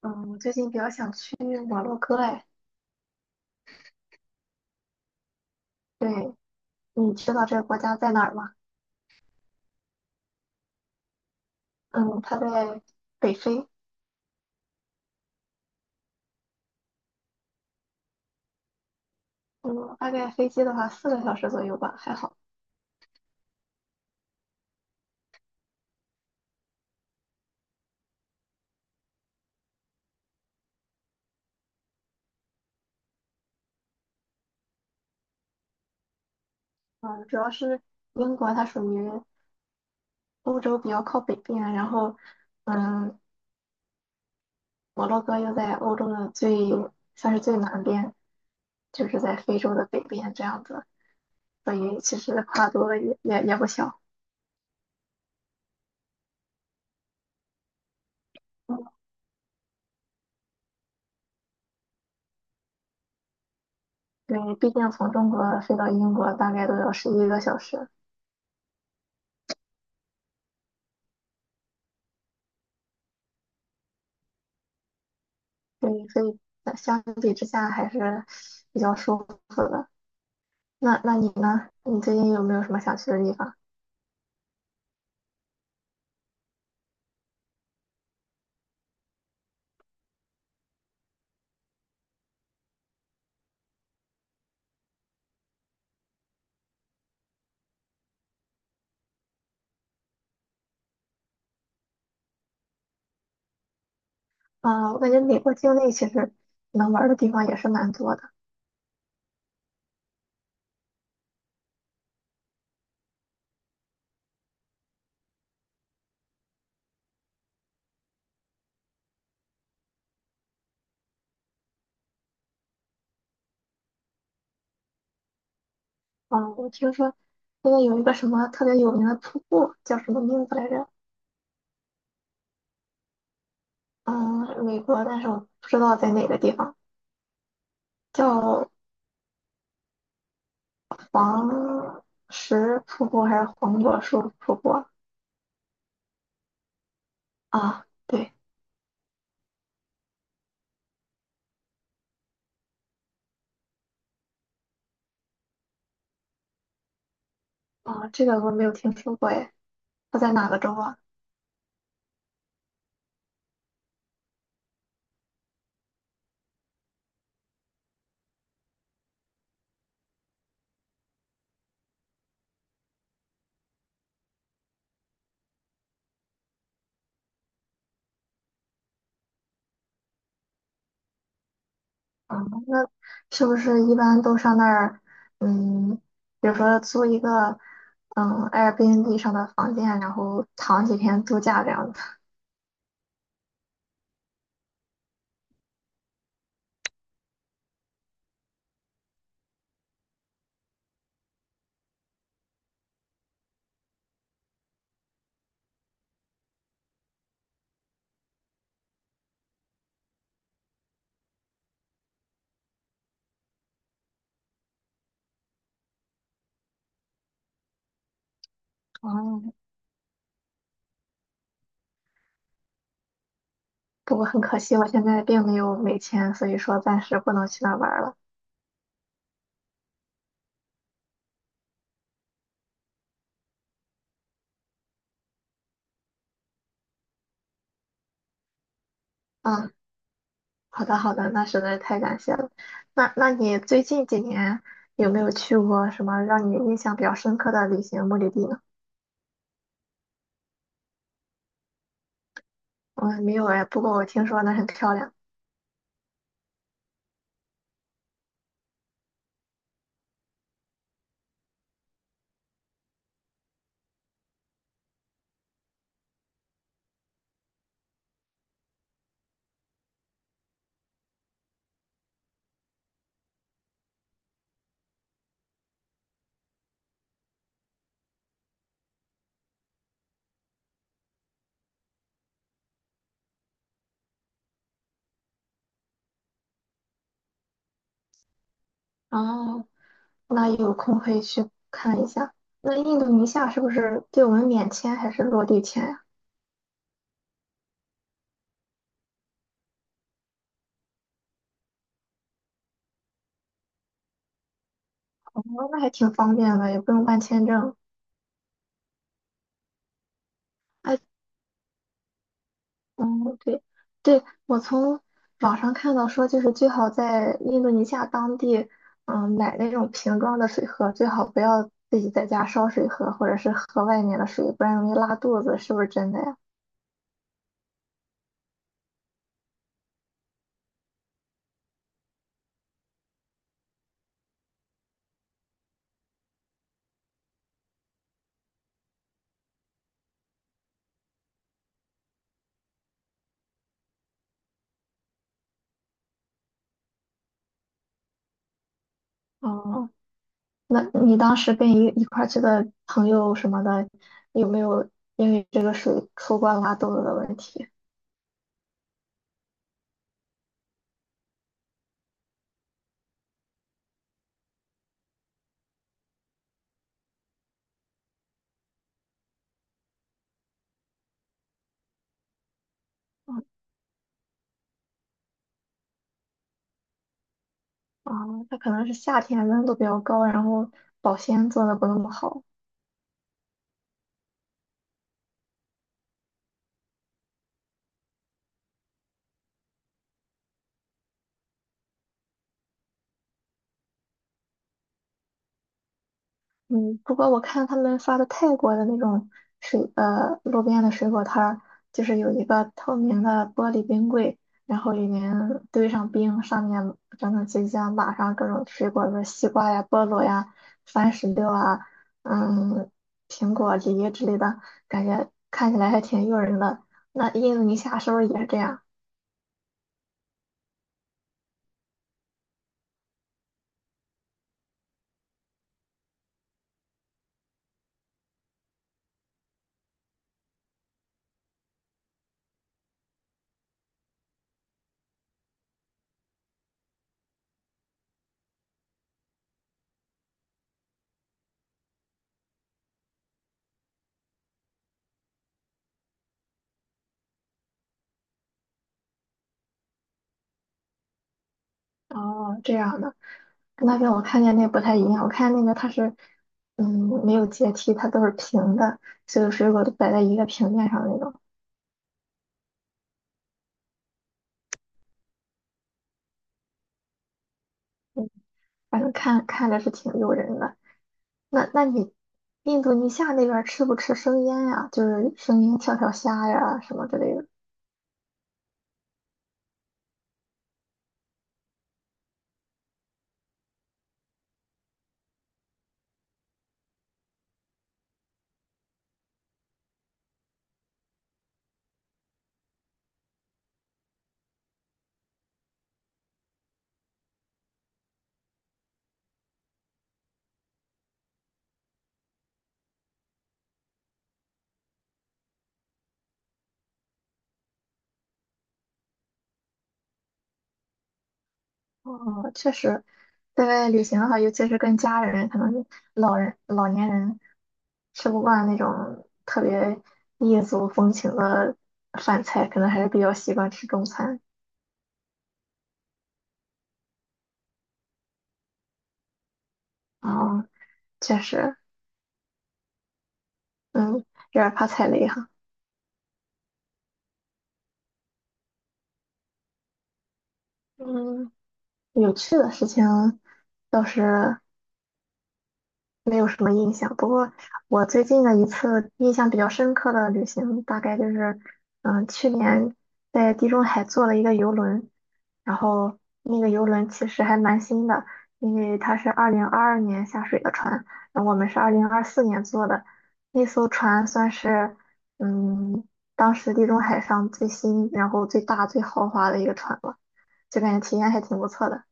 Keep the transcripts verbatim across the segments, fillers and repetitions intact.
嗯，我最近比较想去摩洛哥哎。对，你知道这个国家在哪儿吗？嗯，它在北非。嗯，大概飞机的话四个小时左右吧，还好。嗯，主要是英国它属于欧洲比较靠北边，然后嗯，摩洛哥又在欧洲的最算是最南边，就是在非洲的北边这样子，所以其实跨度也也也不小。嗯，对，毕竟从中国飞到英国大概都要十一个小时。对，所以呃相比之下还是比较舒服的。那那你呢？你最近有没有什么想去的地方？啊、我感觉美国境内其实能玩儿的地方也是蛮多的。啊、我听说那边有一个什么特别有名的瀑布，叫什么名字来着？嗯，美国，但是我不知道在哪个地方，叫黄石瀑布还是黄果树瀑布啊？对，啊，这个我没有听说过哎，它在哪个州啊？啊，那是不是一般都上那儿，嗯，比如说租一个，嗯，Airbnb 上的房间，然后躺几天度假这样子？哦，不过很可惜，我现在并没有美签，所以说暂时不能去那儿玩儿了。嗯，好的好的，那实在太感谢了。那那你最近几年有没有去过什么让你印象比较深刻的旅行目的地呢？我没有哎，不过我听说那很漂亮。哦，那有空可以去看一下。那印度尼西亚是不是对我们免签还是落地签呀？哦，那还挺方便的，也不用办签证。哎，嗯，对，对，我从网上看到说，就是最好在印度尼西亚当地，嗯，买那种瓶装的水喝，最好不要自己在家烧水喝，或者是喝外面的水，不然容易拉肚子，是不是真的呀？哦，那你当时跟一一块儿去的朋友什么的，有没有因为这个水出过拉肚子的问题？啊，啊他可能是夏天温度比较高，然后保鲜做的不那么好。嗯，不过我看他们发的泰国的那种水，呃，路边的水果摊儿，就是有一个透明的玻璃冰柜，然后里面堆上冰，上面整整齐齐地码上各种水果，比如西瓜呀、菠萝呀、番石榴啊，嗯，苹果、梨之类的，感觉看起来还挺诱人的。那印度尼西亚是不是也是这样？哦，这样的。那边我看见那不太一样，我看那个它是，嗯，没有阶梯，它都是平的，所有水果都摆在一个平面上的那种，嗯，反正看看着是挺诱人的。那那你印度尼西亚那边儿吃不吃生腌呀？就是生腌跳跳虾呀什么之类的。哦，确实，在外旅行的话，尤其是跟家人，可能是老人老年人吃不惯那种特别异族风情的饭菜，可能还是比较习惯吃中餐。啊，确实，嗯，有点怕踩雷哈。嗯，有趣的事情倒是没有什么印象。不过我最近的一次印象比较深刻的旅行，大概就是，嗯，去年在地中海坐了一个游轮，然后那个游轮其实还蛮新的，因为它是二零二二年下水的船，然后我们是二零二四年坐的，那艘船算是，嗯，当时地中海上最新，然后最大、最豪华的一个船了，就感觉体验还挺不错的。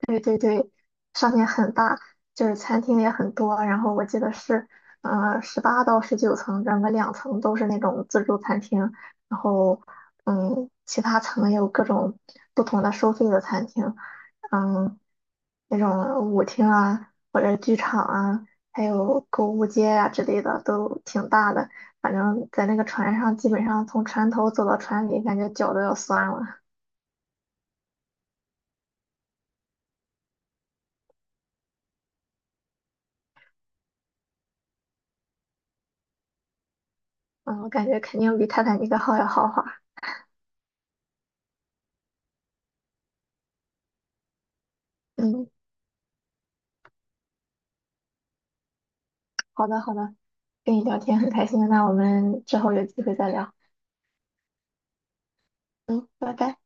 对对对，上面很大，就是餐厅也很多。然后我记得是，呃，十八到十九层，整个两层都是那种自助餐厅，然后，嗯，其他层也有各种不同的收费的餐厅，嗯，那种舞厅啊，或者剧场啊，还有购物街啊之类的，都挺大的。反正，在那个船上，基本上从船头走到船尾，感觉脚都要酸了。嗯，我感觉肯定比泰坦尼克号要豪华。嗯。好的，好的，跟你聊天很开心，那我们之后有机会再聊。嗯，拜拜。